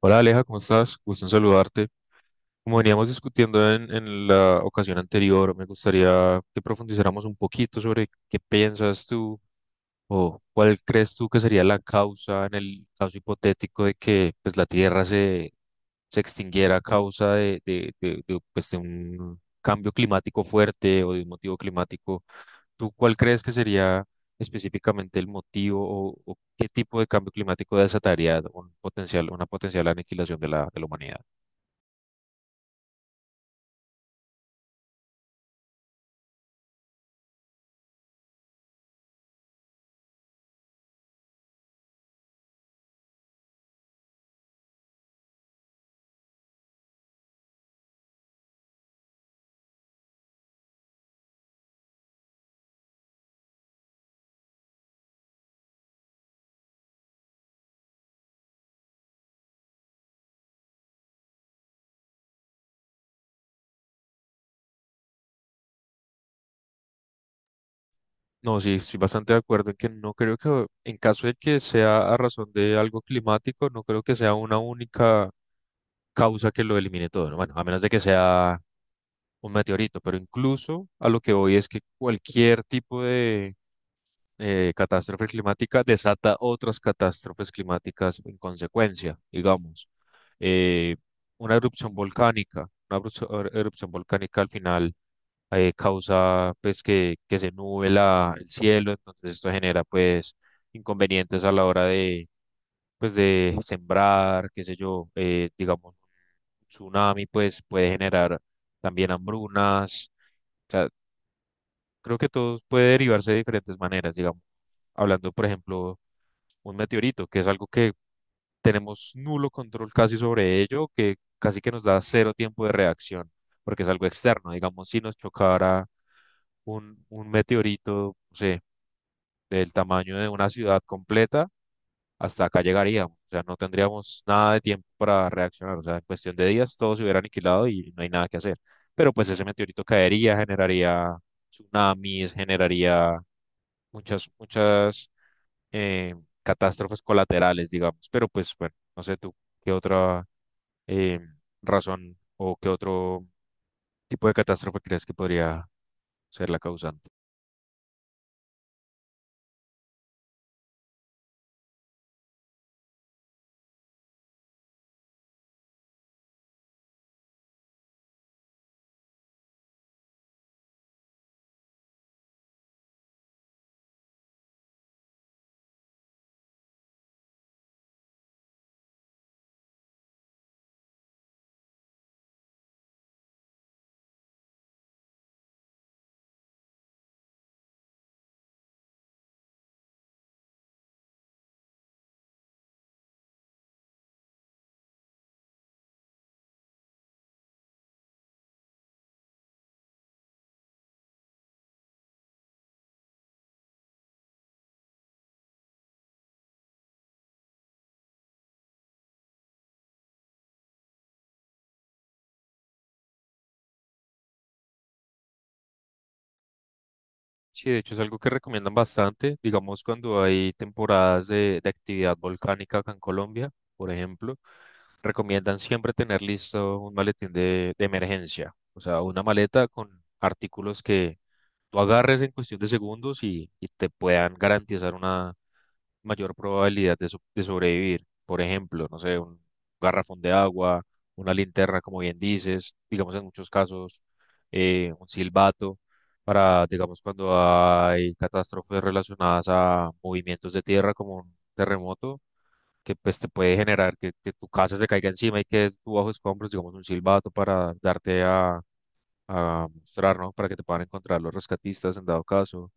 Hola Aleja, ¿cómo estás? Gusto en saludarte. Como veníamos discutiendo en la ocasión anterior, me gustaría que profundizáramos un poquito sobre qué piensas tú o cuál crees tú que sería la causa en el caso hipotético de que pues, la Tierra se extinguiera a causa pues, de un cambio climático fuerte o de un motivo climático. ¿Tú cuál crees que sería específicamente el motivo o qué tipo de cambio climático desataría una potencial aniquilación de la humanidad? No, sí, estoy bastante de acuerdo en que no creo que, en caso de que sea a razón de algo climático, no creo que sea una única causa que lo elimine todo, ¿no? Bueno, a menos de que sea un meteorito, pero incluso a lo que voy es que cualquier tipo de catástrofe climática desata otras catástrofes climáticas en consecuencia, digamos. Eh, una erupción volcánica, una erupción volcánica al final causa pues que se nube el cielo, entonces esto genera pues inconvenientes a la hora de pues de sembrar, qué sé yo, digamos, un tsunami pues puede generar también hambrunas. Creo que todo puede derivarse de diferentes maneras, digamos. Hablando, por ejemplo, un meteorito, que es algo que tenemos nulo control casi sobre ello, que casi que nos da cero tiempo de reacción, porque es algo externo. Digamos, si nos chocara un meteorito, no sé, del tamaño de una ciudad completa, hasta acá llegaríamos. O sea, no tendríamos nada de tiempo para reaccionar. O sea, en cuestión de días todo se hubiera aniquilado y no hay nada que hacer. Pero pues ese meteorito caería, generaría tsunamis, generaría muchas, muchas eh, catástrofes colaterales, digamos. Pero pues bueno, no sé tú qué otra eh, razón o qué otro tipo de catástrofe crees que podría ser la causante. Sí, de hecho es algo que recomiendan bastante, digamos cuando hay temporadas de actividad volcánica acá en Colombia, por ejemplo, recomiendan siempre tener listo un maletín de emergencia, o sea, una maleta con artículos que tú agarres en cuestión de segundos y te puedan garantizar mayor probabilidad de sobrevivir. Por ejemplo, no sé, un garrafón de agua, una linterna, como bien dices, digamos en muchos casos, un silbato, para, digamos, cuando hay catástrofes relacionadas a movimientos de tierra como un terremoto, que pues te puede generar que tu casa te caiga encima y que tú bajo escombros, digamos, un silbato para darte a mostrar, ¿no? Para que te puedan encontrar los rescatistas en dado caso.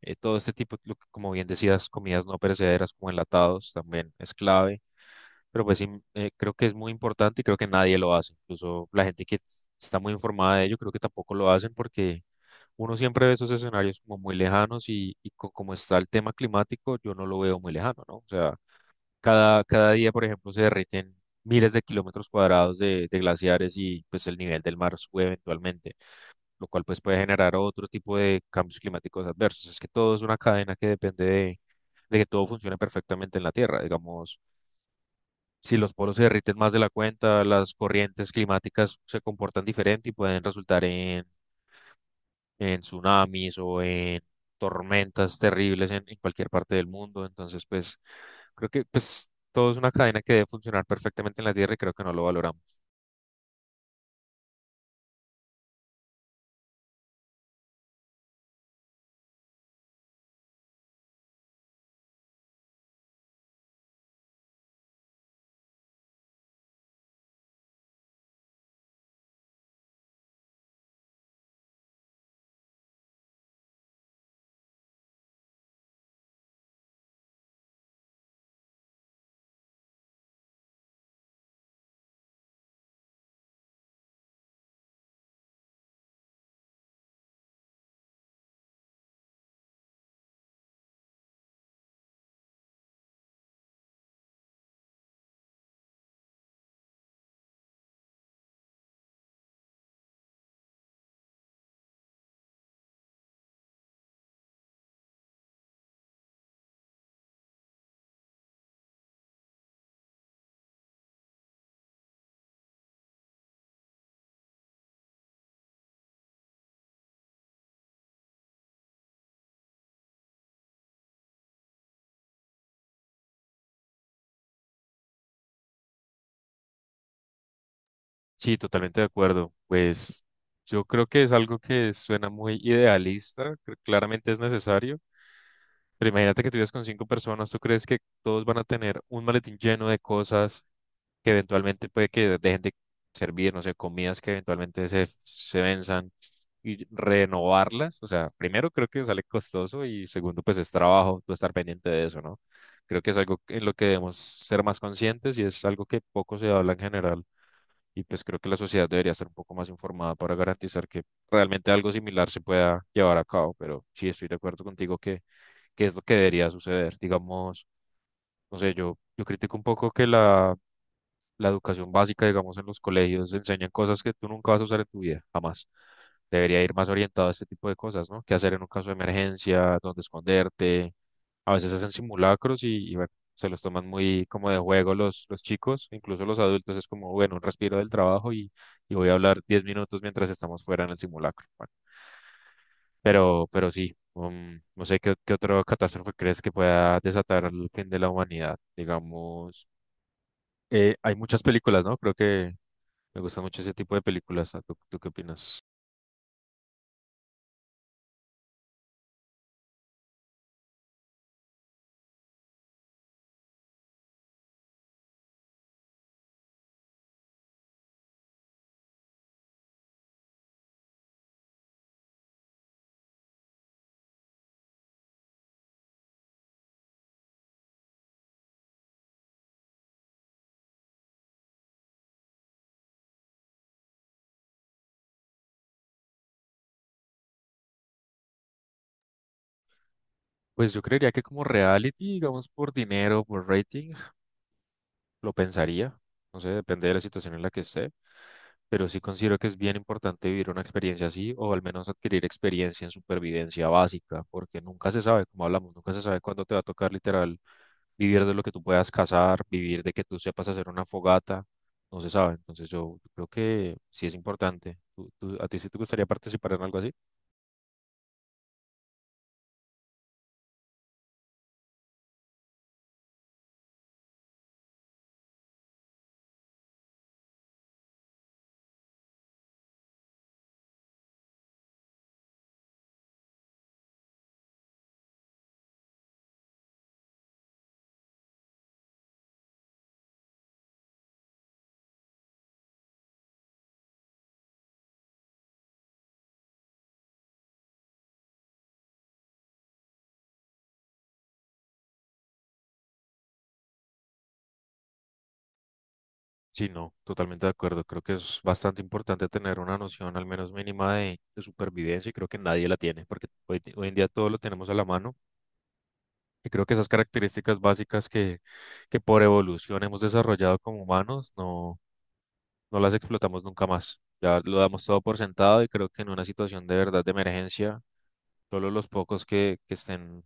Todo este tipo, como bien decías, comidas no perecederas como enlatados también es clave, pero pues sí, creo que es muy importante y creo que nadie lo hace. Incluso la gente que está muy informada de ello, creo que tampoco lo hacen porque uno siempre ve esos escenarios como muy lejanos y como está el tema climático, yo no lo veo muy lejano, ¿no? O sea, cada día, por ejemplo, se derriten miles de kilómetros cuadrados de glaciares y pues el nivel del mar sube eventualmente lo cual pues puede generar otro tipo de cambios climáticos adversos. Es que todo es una cadena que depende de que todo funcione perfectamente en la Tierra. Digamos, si los polos se derriten más de la cuenta, las corrientes climáticas se comportan diferente y pueden resultar en tsunamis o en tormentas terribles en cualquier parte del mundo. Entonces, pues creo que pues todo es una cadena que debe funcionar perfectamente en la Tierra y creo que no lo valoramos. Sí, totalmente de acuerdo. Pues yo creo que es algo que suena muy idealista, claramente es necesario, pero imagínate que tú vives con cinco personas, ¿tú crees que todos van a tener un maletín lleno de cosas que eventualmente puede que dejen de servir, no sé, comidas que eventualmente se venzan y renovarlas? O sea, primero creo que sale costoso y segundo pues es trabajo, tú estar pendiente de eso, ¿no? Creo que es algo en lo que debemos ser más conscientes y es algo que poco se habla en general. Y pues creo que la sociedad debería estar un poco más informada para garantizar que realmente algo similar se pueda llevar a cabo. Pero sí estoy de acuerdo contigo que es lo que debería suceder. Digamos, no sé, yo critico un poco que la educación básica, digamos, en los colegios, enseñan cosas que tú nunca vas a usar en tu vida, jamás. Debería ir más orientado a este tipo de cosas, ¿no? ¿Qué hacer en un caso de emergencia? ¿Dónde esconderte? A veces hacen simulacros y bueno, se los toman muy como de juego los chicos, incluso los adultos. Es como, bueno, un respiro del trabajo y voy a hablar 10 minutos mientras estamos fuera en el simulacro. Bueno, pero sí, no sé qué, qué otra catástrofe crees que pueda desatar el fin de la humanidad. Digamos, hay muchas películas, ¿no? Creo que me gusta mucho ese tipo de películas. ¿No? ¿Tú qué opinas? Pues yo creería que como reality, digamos, por dinero, por rating, lo pensaría. No sé, depende de la situación en la que esté. Pero sí considero que es bien importante vivir una experiencia así o al menos adquirir experiencia en supervivencia básica, porque nunca se sabe, como hablamos, nunca se sabe cuándo te va a tocar literal vivir de lo que tú puedas cazar, vivir de que tú sepas hacer una fogata, no se sabe. Entonces yo creo que sí es importante. ¿A ti sí te gustaría participar en algo así? Sí, no, totalmente de acuerdo. Creo que es bastante importante tener una noción al menos mínima de supervivencia y creo que nadie la tiene porque hoy en día todo lo tenemos a la mano y creo que esas características básicas que por evolución hemos desarrollado como humanos no, no las explotamos nunca más. Ya lo damos todo por sentado y creo que en una situación de verdad de emergencia, solo los pocos que estén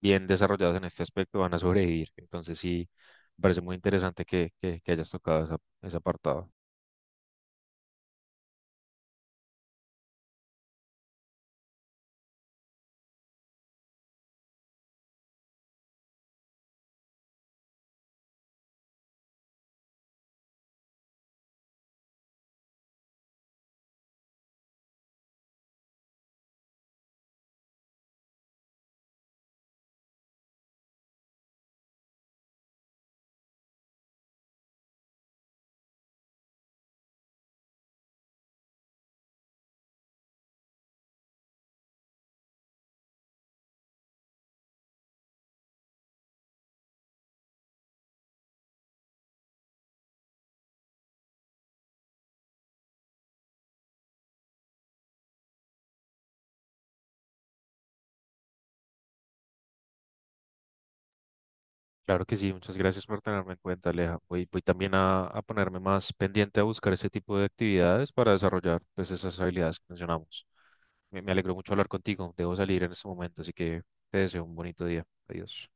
bien desarrollados en este aspecto van a sobrevivir. Entonces sí, me parece muy interesante que hayas tocado ese apartado. Claro que sí, muchas gracias por tenerme en cuenta, Aleja. Voy también a ponerme más pendiente a buscar ese tipo de actividades para desarrollar pues, esas habilidades que mencionamos. Me alegró mucho hablar contigo. Debo salir en este momento, así que te deseo un bonito día. Adiós.